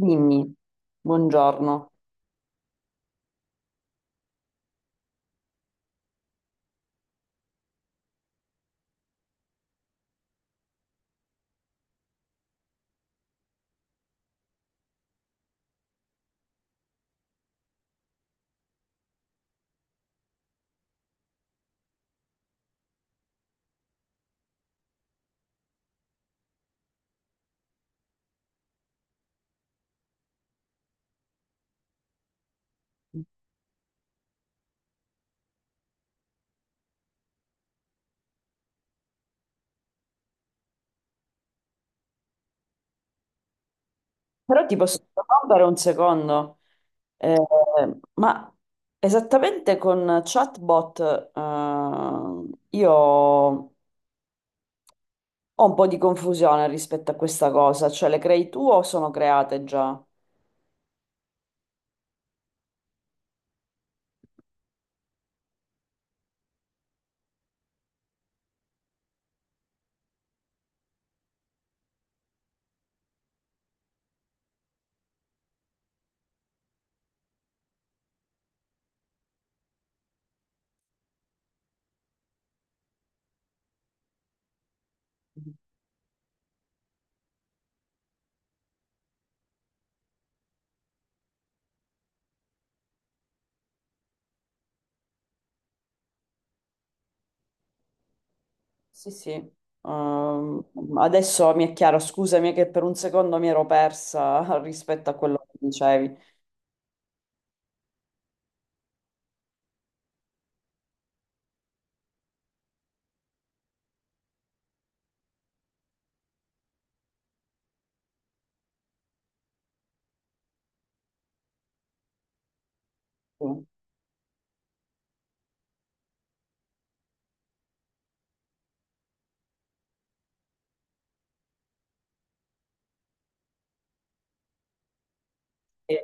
Dimmi, buongiorno. Però ti posso interrompere un secondo. Eh, ma esattamente con chatbot, io ho un po' di confusione rispetto a questa cosa, cioè le crei tu o sono create già? Sì, sì. Ehm, Adesso mi è chiaro, scusami che per un secondo mi ero persa rispetto a quello che dicevi. Sì.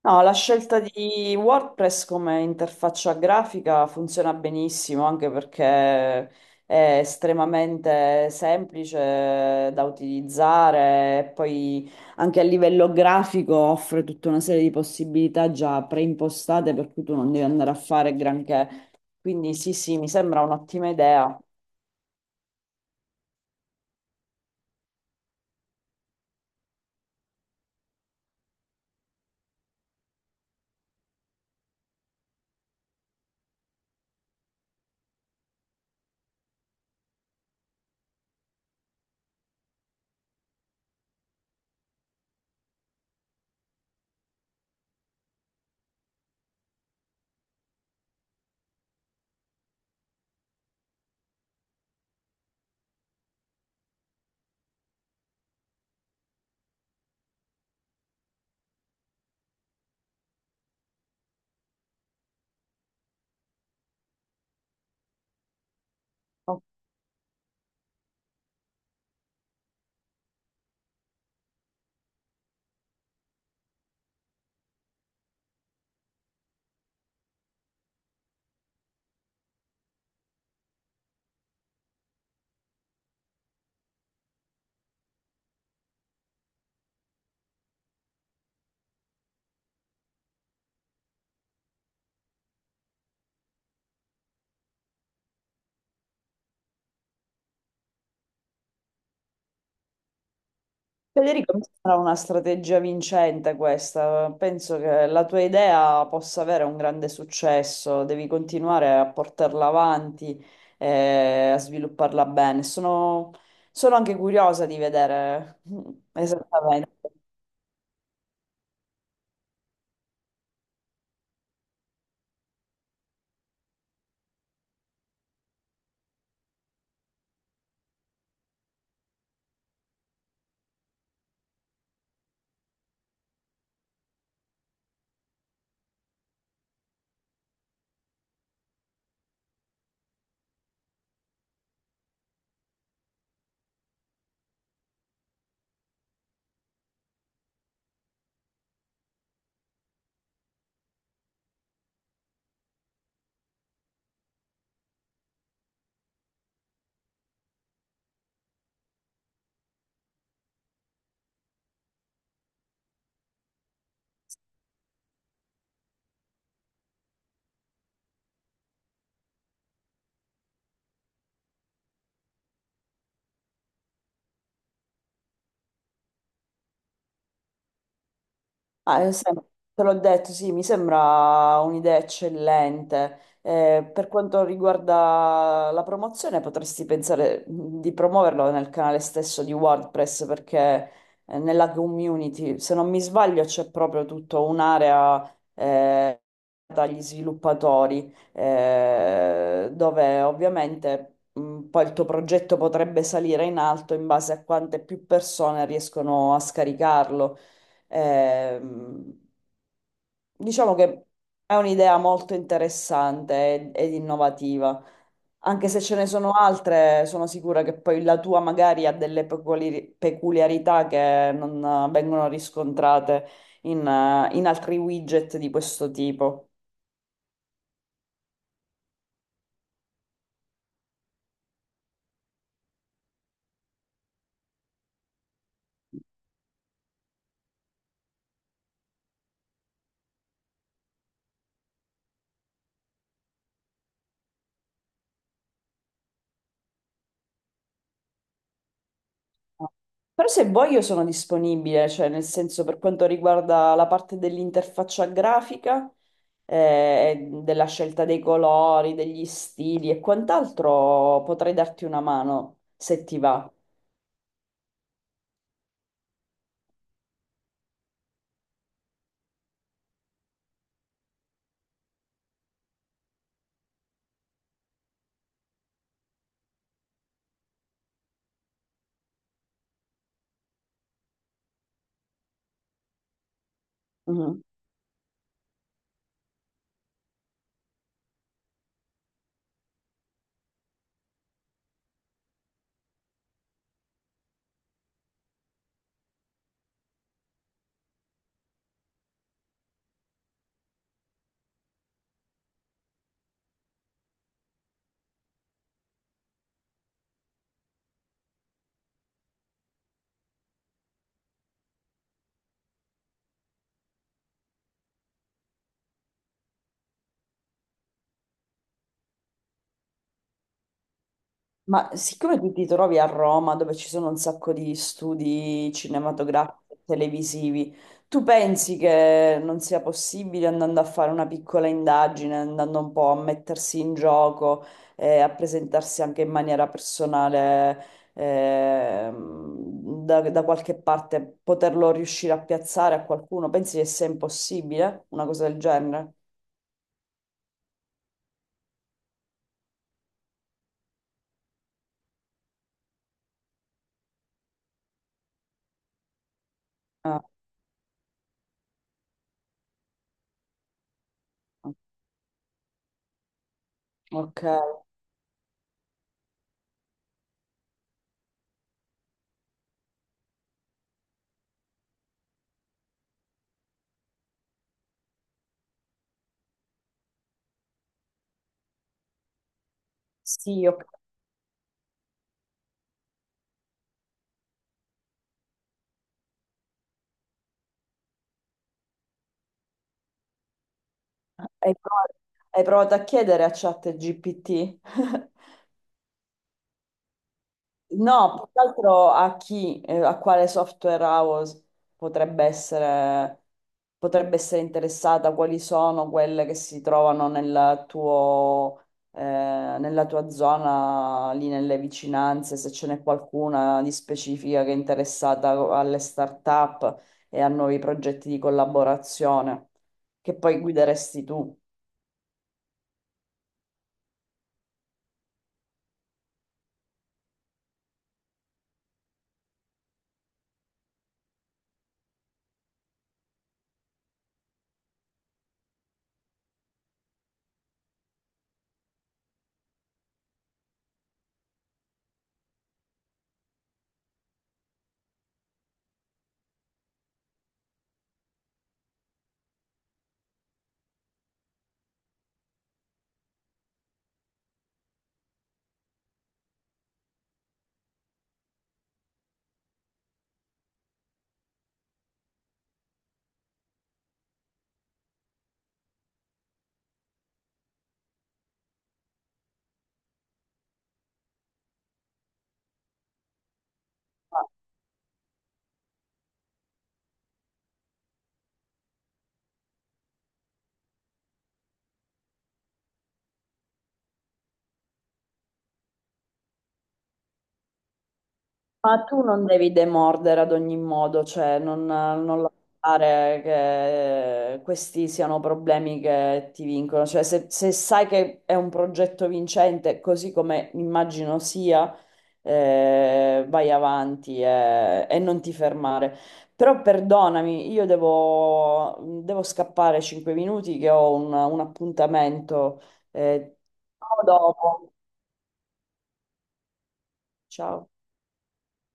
No, la scelta di WordPress come interfaccia grafica funziona benissimo anche perché è estremamente semplice da utilizzare e poi anche a livello grafico offre tutta una serie di possibilità già preimpostate per cui tu non devi andare a fare granché. Quindi sì, sì, mi sembra un'ottima idea. Federico, mi sembra una strategia vincente questa. Penso che la tua idea possa avere un grande successo. Devi continuare a portarla avanti e a svilupparla bene. Sono, sono anche curiosa di vedere, esattamente. Ah, eh, sem- Te l'ho detto, sì, mi sembra un'idea eccellente. Per quanto riguarda la promozione, potresti pensare, di promuoverlo nel canale stesso di WordPress, perché nella community, se non mi sbaglio, c'è proprio tutta un'area, dagli sviluppatori, dove ovviamente, poi il tuo progetto potrebbe salire in alto in base a quante più persone riescono a scaricarlo. Ehm, diciamo che è un'idea molto interessante ed innovativa, anche se ce ne sono altre, sono sicura che poi la tua magari ha delle peculiarità che non vengono riscontrate in in altri widget di questo tipo. Però se vuoi io sono disponibile, cioè nel senso per quanto riguarda la parte dell'interfaccia grafica, della scelta dei colori, degli stili e quant'altro, potrei darti una mano se ti va. Mhm. Ma siccome tu ti trovi a Roma, dove ci sono un sacco di studi cinematografici e televisivi, tu pensi che non sia possibile andando a fare una piccola indagine, andando un po' a mettersi in gioco e a presentarsi anche in maniera personale, da qualche parte, poterlo riuscire a piazzare a qualcuno? Pensi che sia impossibile una cosa del genere? Ah, ok. Sì, ok. Hai provato, hai provato a chiedere a ChatGPT? No, più che altro a chi, a quale software house potrebbe essere, potrebbe essere interessata, quali sono quelle che si trovano nel tuo, nella tua zona, lì nelle vicinanze, se ce n'è qualcuna di specifica che è interessata alle start-up e a nuovi progetti di collaborazione, che poi guideresti tu. Ma tu non devi demordere ad ogni modo, cioè non, non lasciare che questi siano problemi che ti vincono. Cioè, se, se sai che è un progetto vincente, così come immagino sia, vai avanti e non ti fermare. Però perdonami, io devo, devo scappare 5 minuti che ho un appuntamento. Eh, ciao dopo. Ciao.